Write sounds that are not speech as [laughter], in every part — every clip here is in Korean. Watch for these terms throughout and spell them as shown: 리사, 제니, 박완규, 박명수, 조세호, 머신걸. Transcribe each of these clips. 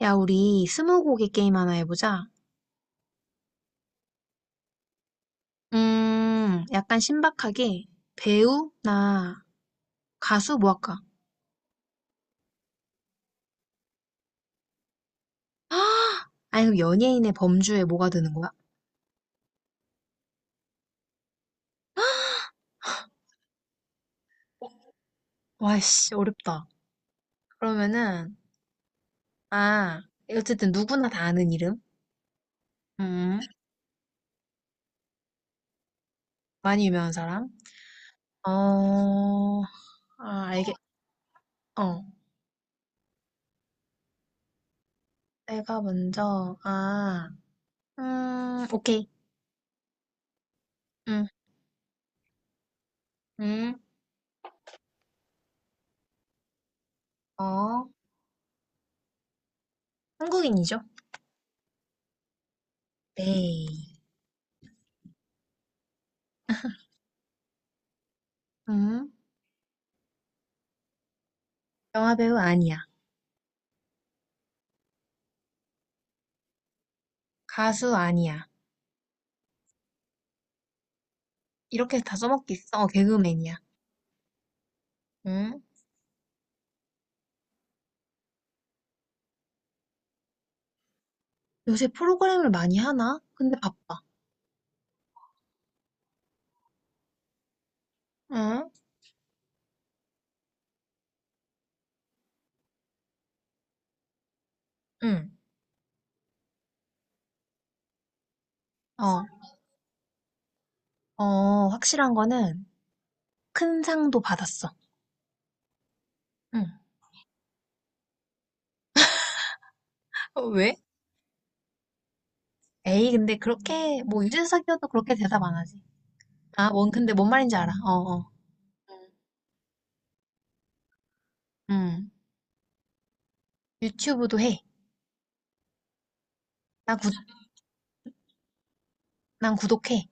야, 우리 스무고개 게임 하나 해보자. 약간 신박하게 배우나 가수 뭐 할까? [gasps] 아니, 그럼 연예인의 범주에 뭐가 드는 거야? 와, 씨, 어렵다. 그러면은, 아, 어쨌든 누구나 다 아는 이름? 음, 많이 유명한 사람? 어, 아, 어. 내가 먼저, 아, 오케이. 음, 음, 어, 한국인이죠? 네. 음, 영화배우 아니야. 가수 아니야. 이렇게 다 써먹겠어. 어, 개그맨이야. 응? 요새 프로그램을 많이 하나? 근데 바빠. 응? 응. 어, 어, 확실한 거는 큰 상도 받았어. 응. 어, 왜? 에이, 근데 그렇게, 뭐, 유재석이어도 그렇게 대답 안 하지. 아, 근데 뭔 말인지 알아. 어, 어. 응. 유튜브도 해. 나 구, 난 구독해.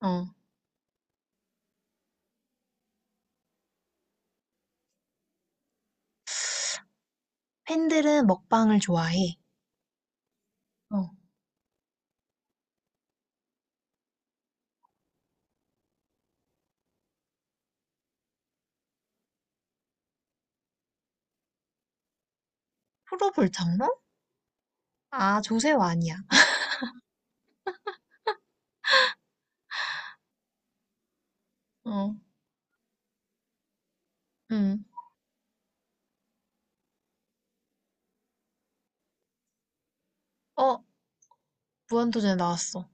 어. 팬들은 먹방을 좋아해. 어. 프로 불장로? 아, 조세호 아니야. [laughs] 어. 응. 어, 무한도전에 나왔어.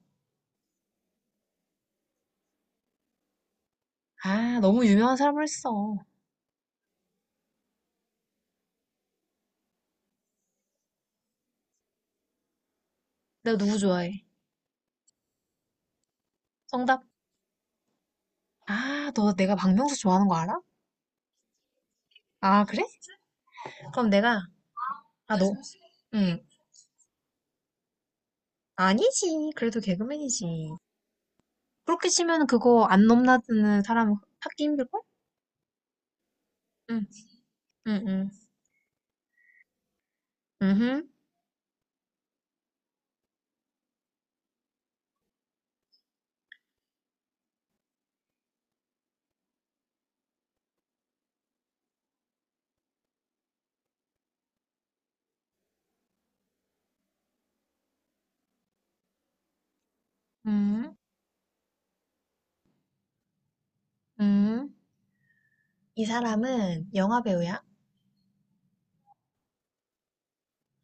아, 너무 유명한 사람을 했어. 내가 누구 좋아해? 정답. 아, 너 내가 박명수 좋아하는 거 알아? 아, 그래? 그럼 내가, 아, 너, 응. 아니지. 그래도 개그맨이지. 그렇게 치면 그거 안 넘나드는 사람 찾기 힘들걸? 응, 응, 응. 응, 응, 응. 이 사람은 영화 배우야?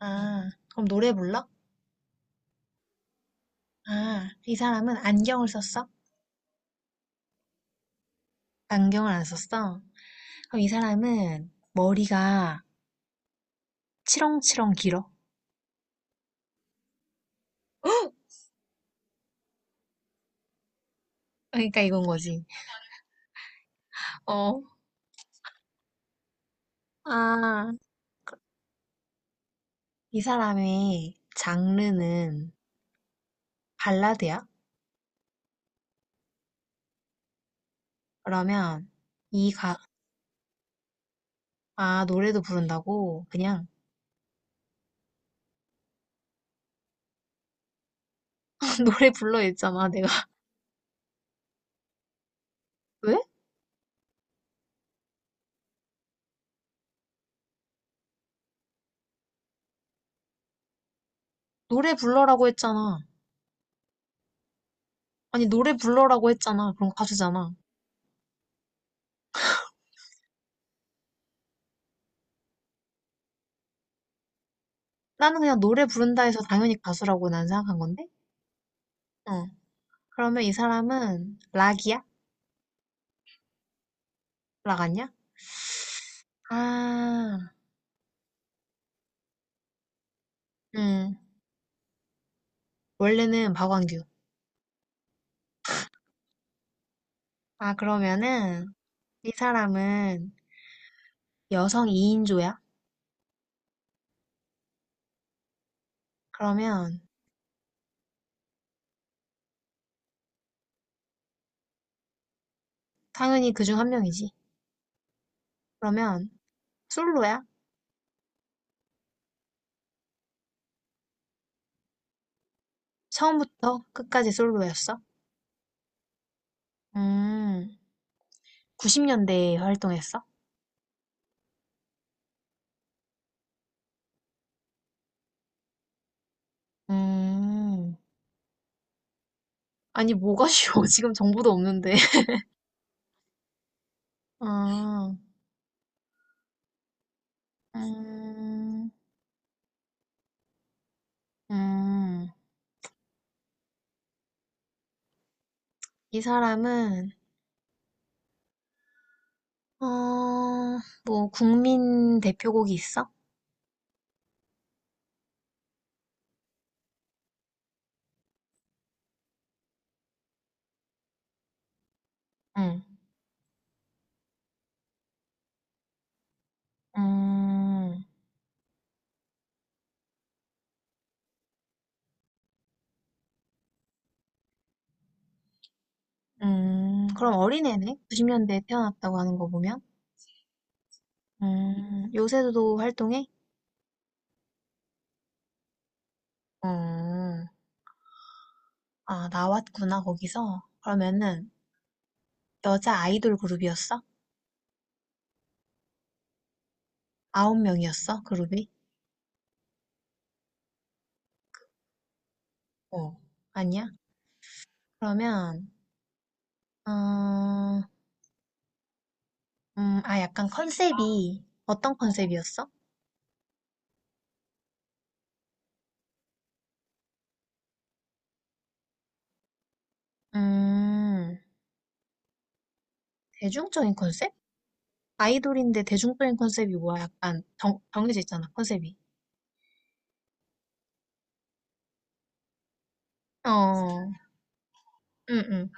아, 그럼 노래 불러? 아, 이 사람은 안경을 썼어? 안경을 안 썼어? 그럼 이 사람은 머리가 치렁치렁 길어? 그러니까 이건 거지. 어, 아, 이 사람의 장르는 발라드야? 그러면 이 가, 아, 노래도 부른다고? 그냥 [laughs] 노래 불러 했잖아, 내가. [laughs] 왜? 노래 불러라고 했잖아. 아니, 노래 불러라고 했잖아. 그럼 가수잖아. 나는 그냥 노래 부른다 해서 당연히 가수라고 난 생각한 건데? 어. 그러면 이 사람은 락이야? 락 아니야? 아, 음. 원래는 박완규. 아, 그러면은 이 사람은 여성 2인조야? 그러면 당연히 그 중 한 명이지. 그러면 솔로야? 처음부터 끝까지 솔로였어? 음, 90년대에 활동했어? 음, 아니 뭐가 쉬워? [laughs] 지금 정보도 없는데. [laughs] 아, 음, 음, 이 사람은 어, 뭐 국민 대표곡이 있어? 응, 음, 그럼 어린애네? 90년대에 태어났다고 하는 거 보면? 요새도 활동해? 음, 아, 나왔구나, 거기서. 그러면은, 여자 아이돌 그룹이었어? 아홉 명이었어, 그룹이? 어, 아니야? 그러면, 음, 아, 약간 컨셉이, 어떤 컨셉이었어? 음, 대중적인 컨셉? 아이돌인데 대중적인 컨셉이 뭐야? 약간 정해져 있잖아, 컨셉이. 어, 응, 응.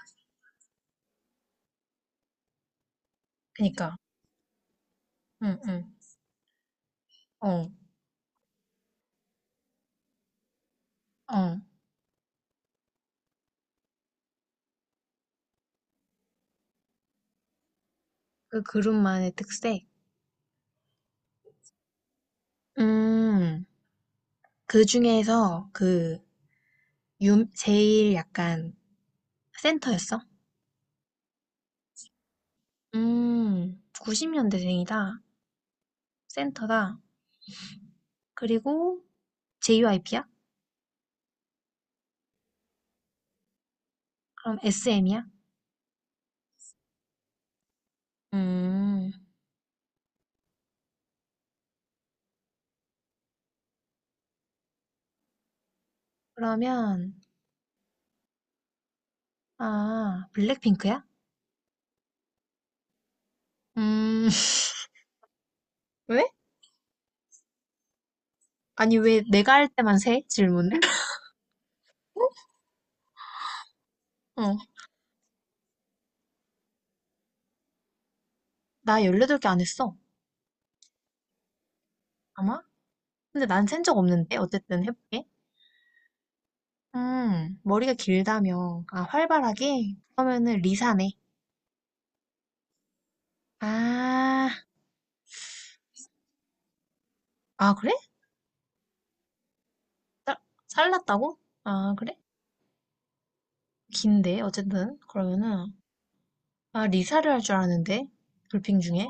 그니까, 응, 응. 어, 어. 그 그룹만의 특색? 음, 그 중에서 그, 제일 약간 센터였어. 90년대생이다. 센터다. 그리고 JYP야? 그럼 SM이야? 음, 그러면, 아, 블랙핑크야? 음, [laughs] 왜? 아니, 왜 내가 할 때만 세? 질문을? [laughs] 어, 나 18개 안 했어. 아마? 근데 난 센 적 없는데? 어쨌든 해볼게. 머리가 길다며. 아, 활발하게? 그러면은 리사네. 아, 아, 그래? 살- 살랐다고? 아, 그래? 긴데 어쨌든 그러면은 아 리사를 할 줄 알았는데 돌핑 중에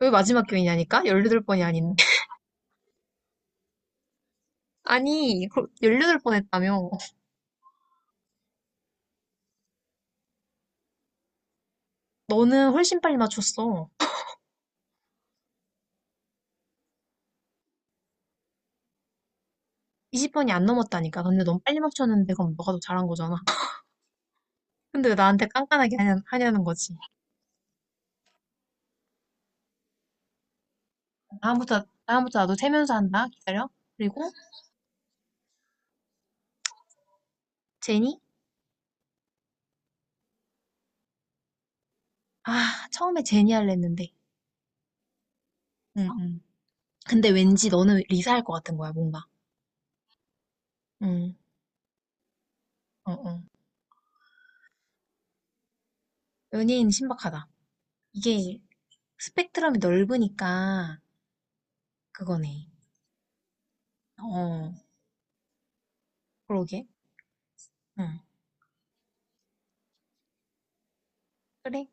왜 마지막 교인이냐니까? 18번이 아닌데 [laughs] 아니 열여 18번 했다며 너는 훨씬 빨리 맞췄어 20번이 안 넘었다니까 근데 너무 빨리 맞췄는데 그럼 너가 더 잘한 거잖아 근데 왜 나한테 깐깐하게 하냐, 하냐는 거지 다음부터 다음부터 나도 세면서 한다 기다려 그리고 제니? 아 처음에 제니 할랬 했는데 응, 어? 응. 근데 왠지 너는 리사 할 것 같은 거야 뭔가 응 어, 어. 연예인 신박하다 이게 스펙트럼이 넓으니까 그거네. 어, 그러게. 응. 그래.